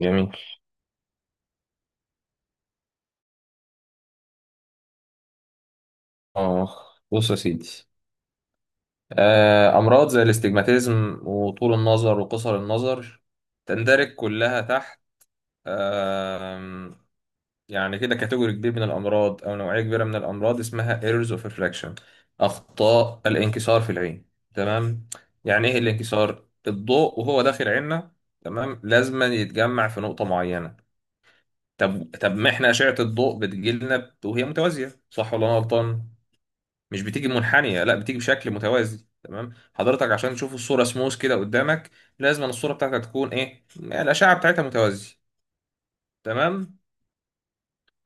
جميل. اه بص يا سيدي، امراض زي الاستجماتيزم وطول النظر وقصر النظر تندرج كلها تحت، آم، يعني كده كاتيجوري كبير من الامراض او نوعيه كبيره من الامراض اسمها errors of refraction، اخطاء الانكسار في العين. تمام، يعني ايه الانكسار؟ الضوء وهو داخل عيننا، تمام، لازما يتجمع في نقطه معينه. طب، ما احنا اشعه الضوء بتجيلنا وهي متوازيه، صح ولا انا غلطان؟ مش بتيجي منحنية، لا بتيجي بشكل متوازي، تمام حضرتك، عشان تشوف الصورة سموث كده قدامك، لازم أن الصورة بتاعتك تكون، ايه، الأشعة بتاعتها متوازية. تمام،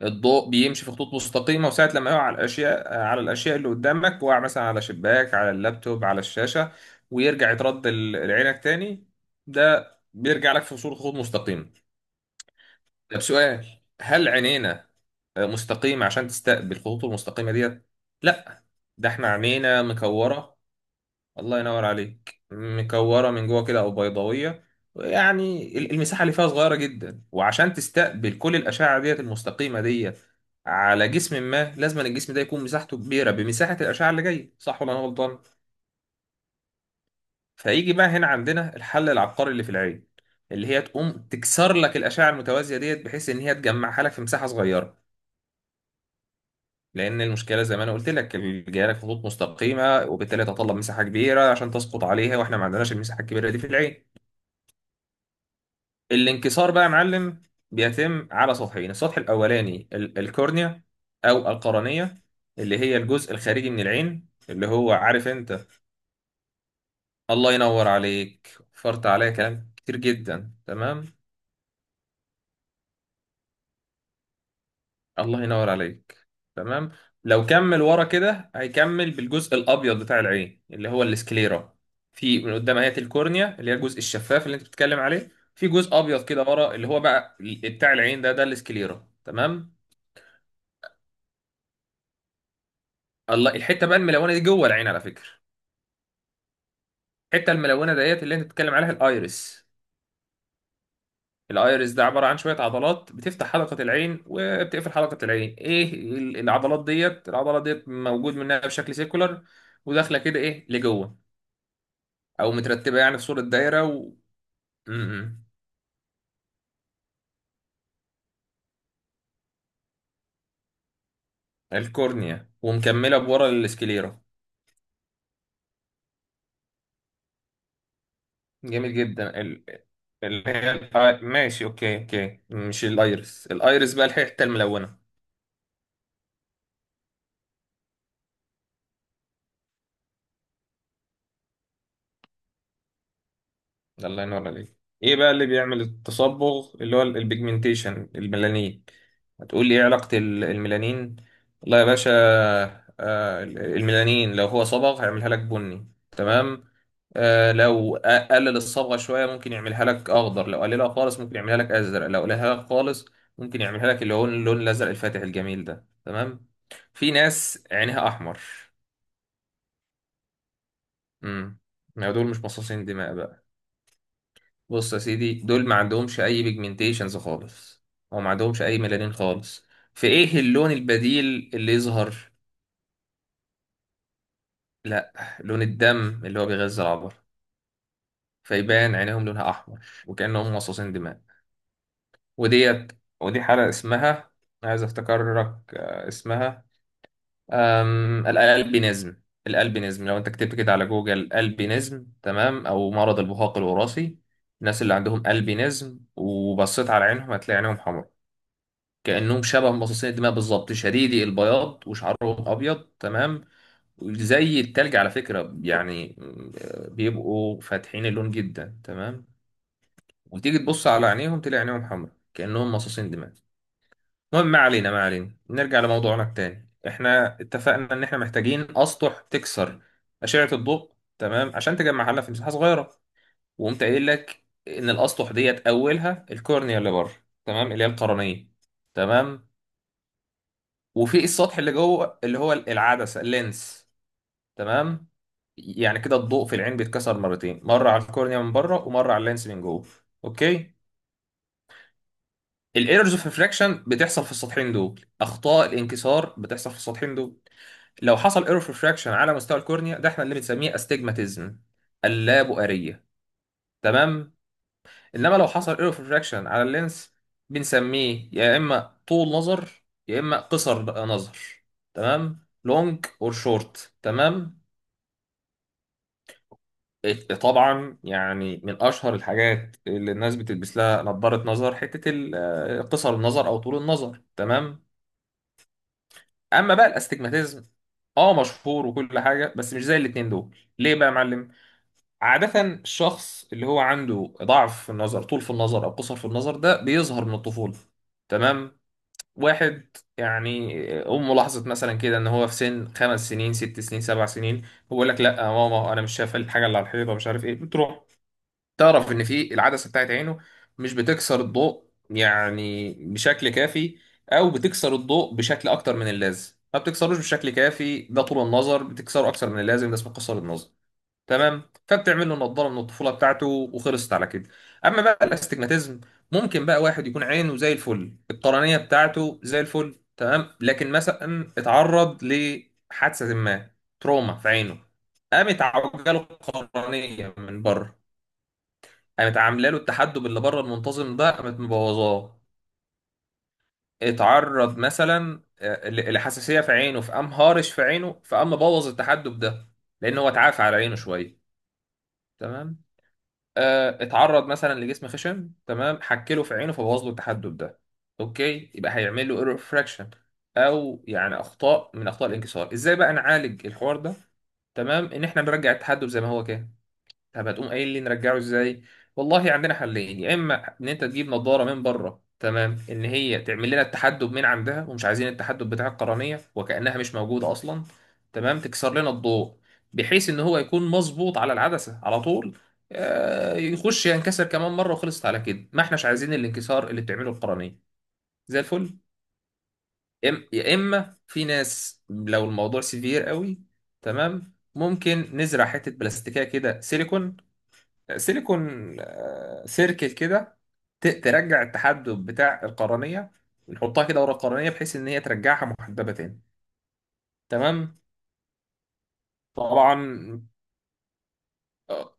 الضوء بيمشي في خطوط مستقيمة، وساعة لما يقع على الأشياء، اللي قدامك، وقع مثلا على شباك، على اللابتوب، على الشاشة، ويرجع يترد لعينك تاني، ده بيرجع لك في صورة خطوط مستقيمة. طب سؤال، هل عينينا مستقيمة عشان تستقبل الخطوط المستقيمة ديت؟ لا، ده احنا عينينا مكورة، الله ينور عليك، مكورة من جوه كده أو بيضاوية. يعني المساحة اللي فيها صغيرة جدا، وعشان تستقبل كل الأشعة ديت المستقيمة ديت على جسم ما، لازم الجسم ده يكون مساحته كبيرة بمساحة الأشعة اللي جاية، صح ولا أنا غلطان؟ فيجي بقى هنا عندنا الحل العبقري اللي في العين، اللي هي تقوم تكسر لك الأشعة المتوازية ديت، بحيث إن هي تجمعها لك في مساحة صغيرة. لأن المشكلة زي ما أنا قلت لك، جايه لك خطوط مستقيمة، وبالتالي تتطلب مساحة كبيرة عشان تسقط عليها، وإحنا ما عندناش المساحة الكبيرة دي في العين. الانكسار بقى يا معلم بيتم على سطحين، السطح الاولاني الكورنيا او القرنيه، اللي هي الجزء الخارجي من العين، اللي هو عارف انت. الله ينور عليك، فرط عليا كلام كتير جدا، تمام. الله ينور عليك، تمام. لو كمل ورا كده هيكمل بالجزء الابيض بتاع العين اللي هو السكليرا. في من قدام اهي الكورنيا اللي هي الجزء الشفاف اللي انت بتتكلم عليه، في جزء ابيض كده ورا اللي هو بقى بتاع العين ده ده السكليرا، تمام. الله، الحته بقى الملونه دي جوه العين على فكره، الحته الملونه ديت اللي انت بتتكلم عليها الايرس. الايرس ده عباره عن شويه عضلات بتفتح حلقه العين وبتقفل حلقه العين، ايه العضلات ديت؟ العضلات ديت موجود منها بشكل سيكولار، وداخله كده ايه لجوه، او مترتبه يعني في صوره دايره م- م. الكورنيا ومكمله بورا السكليرا. جميل جدا، اللي هي ماشي. اوكي، اوكي، مش الايرس، الايرس بقى الحته الملونه ده، الله ينور عليك. ايه بقى اللي بيعمل التصبغ اللي هو البيجمنتيشن؟ الميلانين. هتقول لي ايه علاقة الميلانين؟ لا يا باشا، الميلانين لو هو صبغ هيعملها لك بني، تمام. لو قلل الصبغة شوية ممكن يعملها لك اخضر، لو قللها خالص ممكن يعملها لك ازرق، لو قللها لك خالص ممكن يعملها لك اللي هو اللون الازرق الفاتح الجميل ده، تمام. في ناس عينها احمر. امم ما دول مش مصاصين دماء بقى. بص يا سيدي، دول ما عندهمش اي بيجمنتيشنز خالص، او ما عندهمش اي ميلانين خالص. في ايه اللون البديل اللي يظهر؟ لا، لون الدم اللي هو بيغذي العبر، فيبان عينيهم لونها احمر، وكانهم مصاصين دماء. وديت، ودي حاله اسمها، عايز افتكرك، اسمها الالبينيزم. الالبينيزم، لو انت كتبت كده على جوجل البينيزم، تمام، او مرض البهاق الوراثي. الناس اللي عندهم البينيزم وبصيت على عينهم هتلاقي عينهم حمراء، كأنهم شبه مصاصين الدماء بالظبط، شديدي البياض وشعرهم أبيض، تمام، زي التلج على فكرة يعني، بيبقوا فاتحين اللون جدا، تمام. وتيجي تبص على عينيهم تلاقي عينيهم حمراء كأنهم مصاصين دماء. المهم، ما علينا ما علينا، نرجع لموضوعنا التاني. احنا اتفقنا ان احنا محتاجين أسطح تكسر أشعة الضوء، تمام، عشان تجمعها لنا في مساحة صغيرة. وقمت قايل لك ان الأسطح ديت أولها الكورنيا اللي بره، تمام، اللي هي القرنية. تمام، وفي السطح اللي جوه اللي هو العدسة، اللينس، تمام. يعني كده الضوء في العين بيتكسر مرتين، مرة على الكورنيا من بره، ومرة على اللينس من جوه. اوكي، الايرورز اوف ريفراكشن بتحصل في السطحين دول، اخطاء الانكسار بتحصل في السطحين دول. لو حصل ايرور اوف ريفراكشن على مستوى الكورنيا، ده احنا اللي بنسميه استجماتيزم، اللابؤرية، تمام. انما لو حصل ايرور اوف ريفراكشن على اللينس، بنسميه يا اما طول نظر يا اما قصر نظر، تمام، لونج اور شورت، تمام. طبعا يعني من اشهر الحاجات اللي الناس بتلبس لها نظارة نظر، حتة قصر النظر او طول النظر، تمام. اما بقى الاستجماتيزم، اه مشهور وكل حاجة بس مش زي الاتنين دول. ليه بقى يا معلم؟ عادة الشخص اللي هو عنده ضعف في النظر، طول في النظر او قصر في النظر، ده بيظهر من الطفولة، تمام. واحد يعني، امه لاحظت مثلا كده ان هو في سن 5 سنين، 6 سنين، 7 سنين، هو يقول لك لا يا ماما انا مش شايف الحاجه اللي على الحيطه، مش عارف ايه بتروح تعرف ان في العدسه بتاعت عينه مش بتكسر الضوء يعني بشكل كافي، او بتكسر الضوء بشكل اكتر من اللازم. ما بتكسروش بشكل كافي، ده طول النظر. بتكسره اكتر من اللازم، ده اسمه قصر النظر، تمام. فبتعمل له نضاره من الطفوله بتاعته وخلصت على كده. اما بقى الاستجماتيزم، ممكن بقى واحد يكون عينه زي الفل، القرنيه بتاعته زي الفل، تمام، لكن مثلا اتعرض لحادثه ما، تروما في عينه، قامت عوجاله القرنيه من بره، قامت عامله له التحدب اللي بره المنتظم ده قامت مبوظاه. اتعرض مثلا لحساسيه في عينه، فقام هارش في عينه، فقام مبوظ التحدب ده، لان هو اتعافى على عينه شويه، تمام. اتعرض مثلا لجسم خشن، تمام، حكله في عينه فبوظ له التحدب ده. اوكي، يبقى هيعمل له ايرور فراكشن، او يعني اخطاء من اخطاء الانكسار. ازاي بقى نعالج الحوار ده؟ تمام، ان احنا نرجع التحدب زي ما هو كان. طب هتقوم قايل لي نرجعه ازاي؟ والله عندنا حلين، يا اما ان انت تجيب نظاره من بره، تمام، ان هي تعمل لنا التحدب من عندها، ومش عايزين التحدب بتاع القرنيه وكانها مش موجوده اصلا، تمام، تكسر لنا الضوء بحيث ان هو يكون مظبوط على العدسه على طول، يخش ينكسر كمان مره وخلصت على كده، ما احناش عايزين الانكسار اللي بتعمله القرنيه، زي الفل. يا اما في ناس لو الموضوع سيفير قوي، تمام، ممكن نزرع حته بلاستيكيه كده، سيليكون، سيليكون، سيركت كده، ترجع التحدب بتاع القرنية، نحطها كده ورا القرنية بحيث إن هي ترجعها محدبة تاني، تمام. طبعا، آه،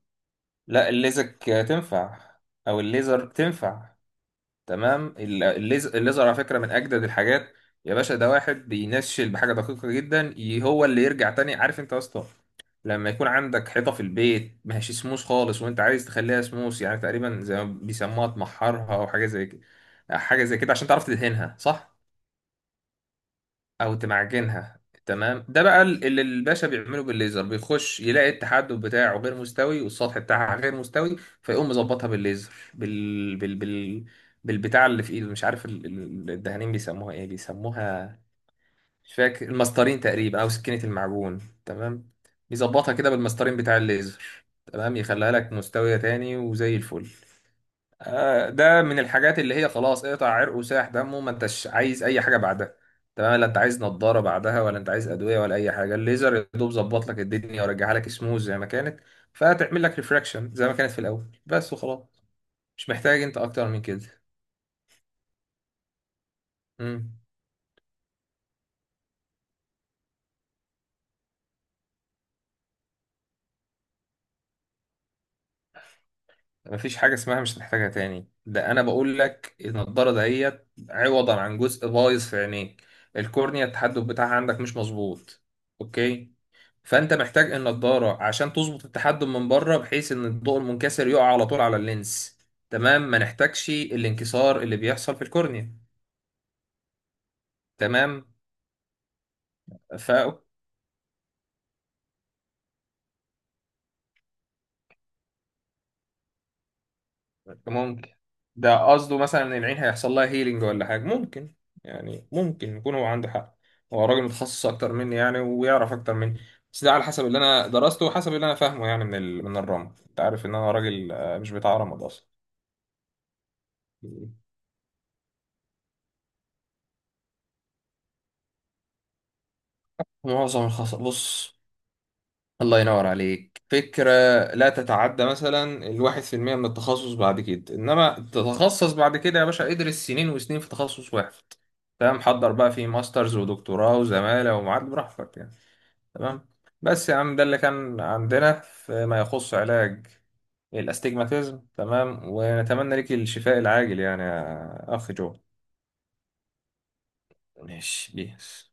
لا الليزك تنفع أو الليزر تنفع، تمام. الليزر على فكرة من أجدد الحاجات يا باشا. ده واحد بينشل بحاجة دقيقة جدا، هو اللي يرجع تاني. عارف أنت يا اسطى لما يكون عندك حيطة في البيت ما هيش سموس خالص، وأنت عايز تخليها سموس، يعني تقريبا زي ما بيسموها تمحرها أو حاجة زي كده، حاجة زي كده، عشان تعرف تدهنها، صح؟ او تمعجنها، تمام. ده بقى اللي الباشا بيعمله بالليزر، بيخش يلاقي التحدب بتاعه غير مستوي والسطح بتاعها غير مستوي، فيقوم مظبطها بالليزر بال، بالبتاع اللي في ايده، مش عارف الدهانين بيسموها ايه، بيسموها، مش فاكر، المسطرين تقريبا، او سكينة المعجون، تمام. يظبطها كده بالمسطرين بتاع الليزر، تمام، يخليها لك مستوية تاني وزي الفل. ده من الحاجات اللي هي خلاص اقطع عرق وساح دمه، ما انتش عايز اي حاجه بعدها، تمام، لا انت عايز نضاره بعدها، ولا انت عايز ادويه، ولا اي حاجه. الليزر يا دوب ظبط لك الدنيا ورجعها لك سموز زي ما كانت، فتعمل لك ريفراكشن زي ما كانت في الاول بس، وخلاص، مش محتاج انت اكتر من كده. امم، مفيش حاجه اسمها مش هتحتاجها تاني. ده انا بقول لك النضاره دهيت عوضا عن جزء بايظ في عينيك، الكورنيا التحدب بتاعها عندك مش مظبوط، اوكي. فانت محتاج النضاره عشان تظبط التحجم من بره، بحيث ان الضوء المنكسر يقع على طول على اللينس، تمام، ما نحتاجش الانكسار اللي بيحصل في الكورنيا. تمام، ف ممكن. ده قصده مثلا ان العين هيحصل لها هيلينج ولا حاجه، ممكن، يعني ممكن يكون هو عنده حق، هو راجل متخصص اكتر مني يعني ويعرف اكتر مني. بس ده على حسب اللي انا درسته وحسب اللي انا فاهمه يعني، من من الرمد. انت عارف ان انا راجل مش بتاع رمد اصلا. معظم الخصائص، بص، الله ينور عليك، فكرة لا تتعدى مثلا 1% من التخصص بعد كده، إنما تتخصص بعد كده يا باشا ادرس سنين وسنين في تخصص واحد، تمام. حضر بقى، فيه ماسترز ودكتوراه وزمالة ومعاد براحتك يعني، تمام. بس يا عم ده اللي كان عندنا فيما يخص علاج الاستجماتيزم، تمام، ونتمنى لك الشفاء العاجل يعني يا أخ جو. ماشي، بيس،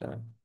سلام.